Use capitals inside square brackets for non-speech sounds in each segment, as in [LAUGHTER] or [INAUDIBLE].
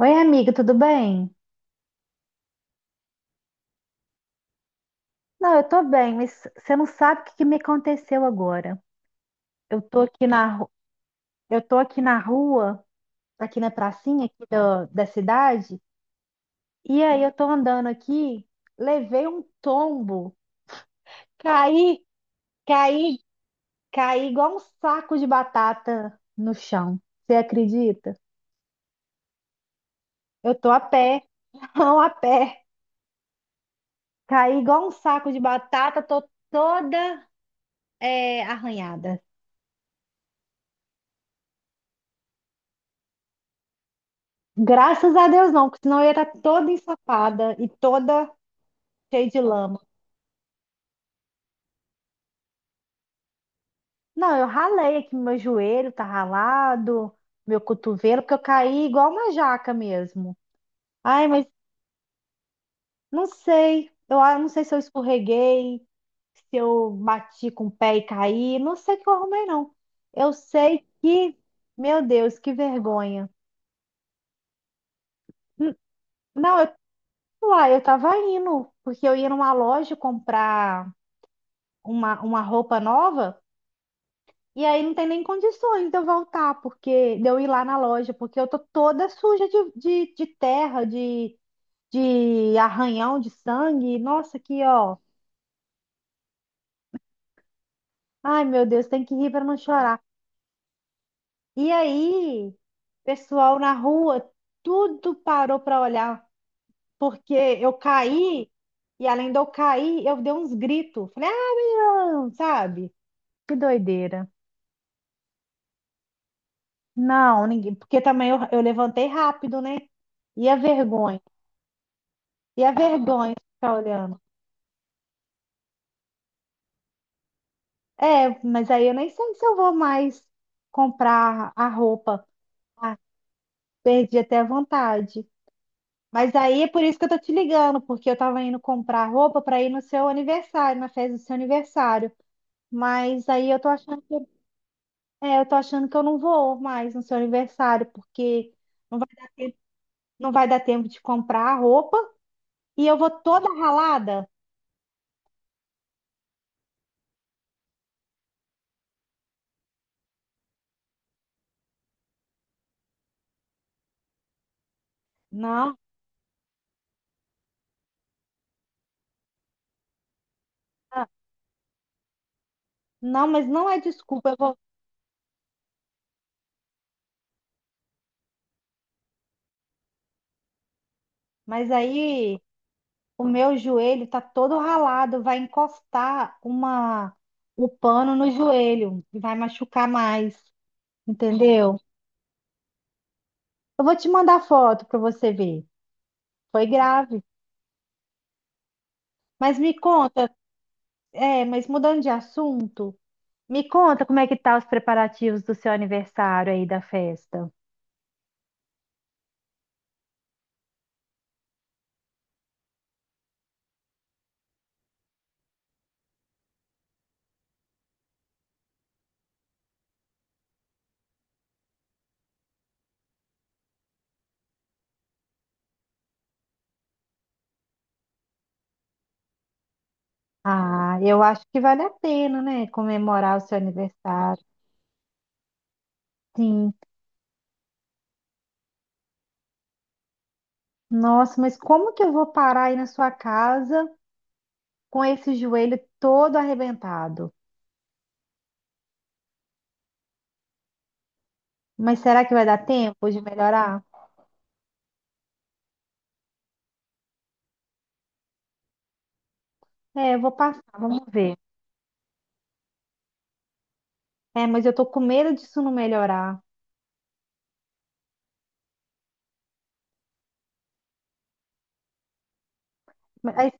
Oi, amiga, tudo bem? Não, eu tô bem, mas você não sabe o que que me aconteceu agora. Eu tô aqui eu tô aqui na rua, aqui na pracinha aqui da cidade, e aí eu tô andando aqui, levei um tombo, caí, caí, caí igual um saco de batata no chão. Você acredita? Eu tô a pé, [LAUGHS] não a pé. Caí igual um saco de batata, tô toda arranhada. Graças a Deus não, porque senão eu ia estar toda ensopada e toda cheia de lama. Não, eu ralei aqui, meu joelho tá ralado, meu cotovelo, porque eu caí igual uma jaca mesmo. Ai, mas não sei, não sei se eu escorreguei, se eu bati com o pé e caí, não sei o que eu arrumei, não. Eu sei que, meu Deus, que vergonha. N- Não, eu, uai, eu tava indo, porque eu ia numa loja comprar uma roupa nova. E aí não tem nem condições de eu voltar, porque de eu ir lá na loja, porque eu tô toda suja de terra, de arranhão, de sangue. Nossa, aqui, ó. Ai, meu Deus, tem que rir para não chorar. E aí, pessoal na rua, tudo parou para olhar, porque eu caí, e além de eu cair, eu dei uns gritos. Falei, ah, menino, sabe? Que doideira. Não, ninguém, porque também eu levantei rápido, né? E a vergonha? E a vergonha de ficar olhando. É, mas aí eu nem sei se eu vou mais comprar a roupa. Ah, perdi até a vontade. Mas aí é por isso que eu tô te ligando, porque eu tava indo comprar roupa para ir no seu aniversário, na festa do seu aniversário. Mas aí eu tô achando que, eu tô achando que eu não vou mais no seu aniversário, porque não vai dar tempo, não vai dar tempo de comprar a roupa e eu vou toda ralada. Não, ah, não, mas não é desculpa, eu vou. Mas aí o meu joelho tá todo ralado, vai encostar uma o pano no joelho e vai machucar mais, entendeu? Eu vou te mandar foto para você ver. Foi grave. Mas me conta, mas mudando de assunto, me conta como é que tá os preparativos do seu aniversário aí da festa. Ah, eu acho que vale a pena, né, comemorar o seu aniversário. Sim. Nossa, mas como que eu vou parar aí na sua casa com esse joelho todo arrebentado? Mas será que vai dar tempo de melhorar? É, eu vou passar, vamos ver. É, mas eu tô com medo disso não melhorar. Mas,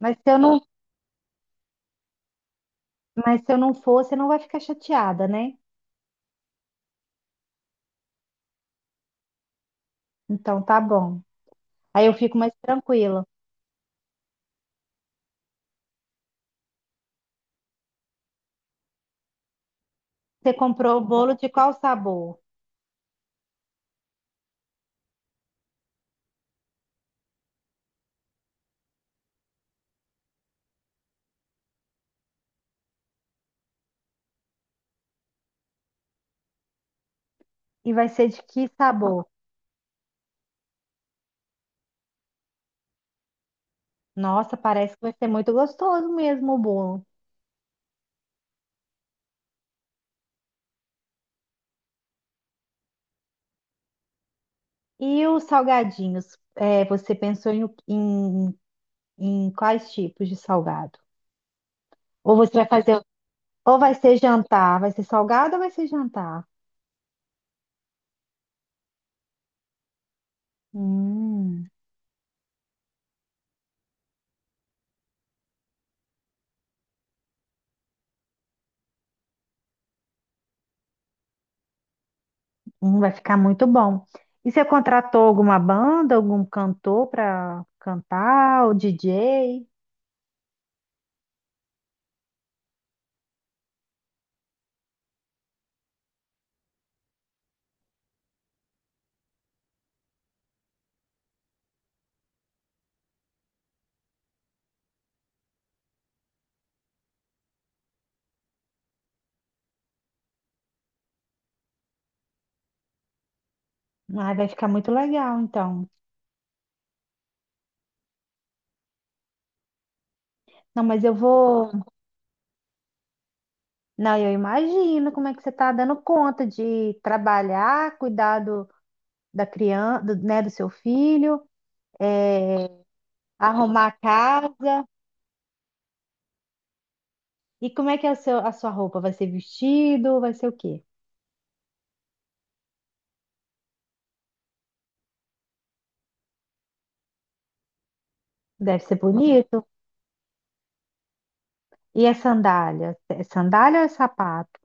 mas se eu não, mas se eu não for, você não vai ficar chateada, né? Então tá bom. Aí eu fico mais tranquila. Você comprou o bolo de qual sabor? E vai ser de que sabor? Nossa, parece que vai ser muito gostoso mesmo o bolo. E os salgadinhos? É, você pensou em em quais tipos de salgado? Ou você vai fazer, ou vai ser jantar? Vai ser salgado ou vai ser jantar? Hum, vai ficar muito bom. E você contratou alguma banda, algum cantor para cantar, o DJ? Ah, vai ficar muito legal, então. Não, mas eu vou. Não, eu imagino como é que você está dando conta de trabalhar, cuidar da criança, do, né, do seu filho, é, arrumar a casa. E como é que é o seu, a sua roupa? Vai ser vestido? Vai ser o quê? Deve ser bonito. E a sandália? É sandália ou é sapato?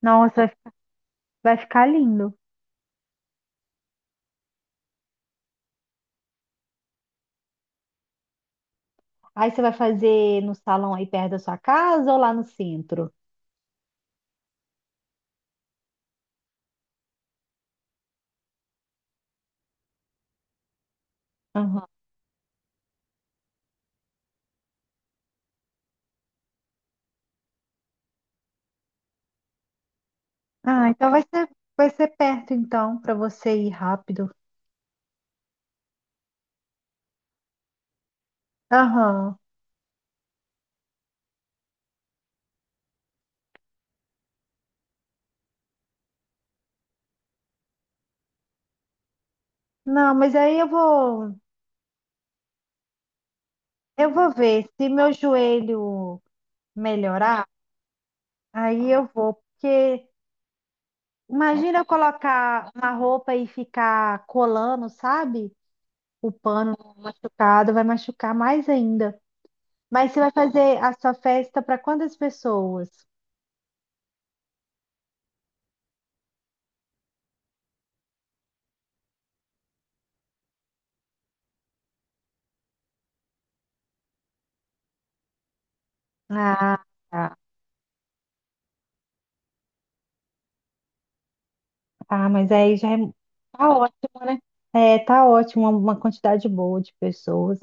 Nossa, vai ficar lindo. Aí você vai fazer no salão aí perto da sua casa ou lá no centro? Aham. Ah, então vai ser perto então para você ir rápido. Aham. Não, mas aí eu vou ver se meu joelho melhorar, aí eu vou, porque imagina eu colocar uma roupa e ficar colando, sabe? O pano machucado vai machucar mais ainda. Mas você vai fazer a sua festa para quantas pessoas? Ah, tá. Ah, mas aí já é, tá ótimo, né? É, tá ótimo, uma quantidade boa de pessoas.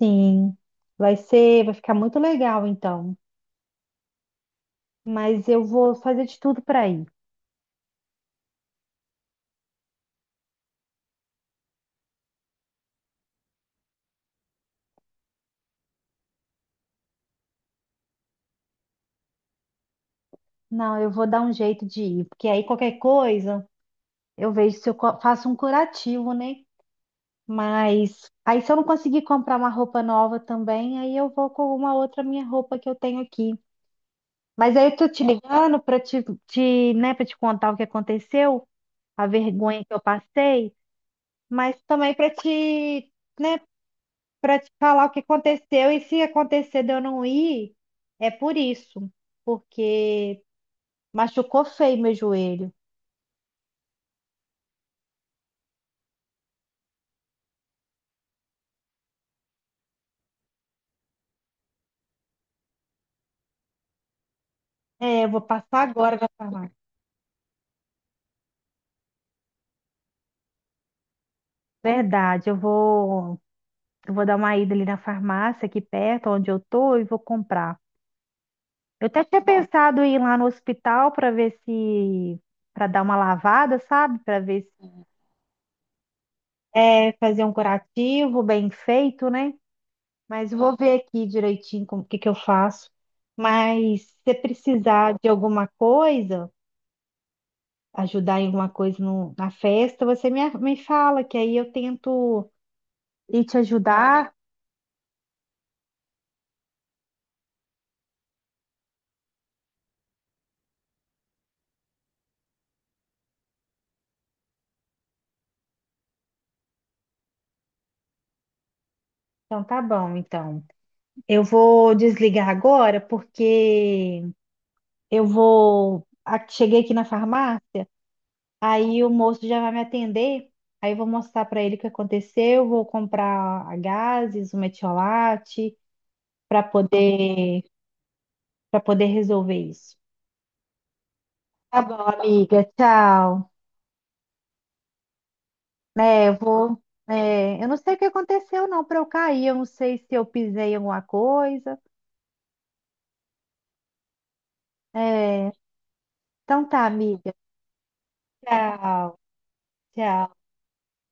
Sim, vai ser, vai ficar muito legal então. Mas eu vou fazer de tudo para ir. Não, eu vou dar um jeito de ir, porque aí qualquer coisa eu vejo se faço um curativo, né? Mas aí se eu não conseguir comprar uma roupa nova também, aí eu vou com uma outra minha roupa que eu tenho aqui. Mas aí eu tô te ligando para né, para te contar o que aconteceu, a vergonha que eu passei. Mas também para te, né, para te falar o que aconteceu e se acontecer de eu não ir, é por isso, porque machucou feio meu joelho. É, eu vou passar agora na farmácia. Verdade, eu vou dar uma ida ali na farmácia aqui perto, onde eu tô, e vou comprar. Eu até tinha pensado em ir lá no hospital para ver se, para dar uma lavada, sabe? Para ver se é fazer um curativo bem feito, né? Mas eu vou ver aqui direitinho como o que que eu faço. Mas se você precisar de alguma coisa, ajudar em alguma coisa na festa, você me fala, que aí eu tento ir te ajudar. Então tá bom, então. Eu vou desligar agora, porque cheguei aqui na farmácia, aí o moço já vai me atender. Aí eu vou mostrar para ele o que aconteceu, vou comprar a gases, o metiolate, para poder para poder resolver isso. Tá bom, amiga. Tchau. Né, eu vou. É, eu não sei o que aconteceu, não, para eu cair. Eu não sei se eu pisei em alguma coisa. É, então tá, amiga. Tchau. Tchau.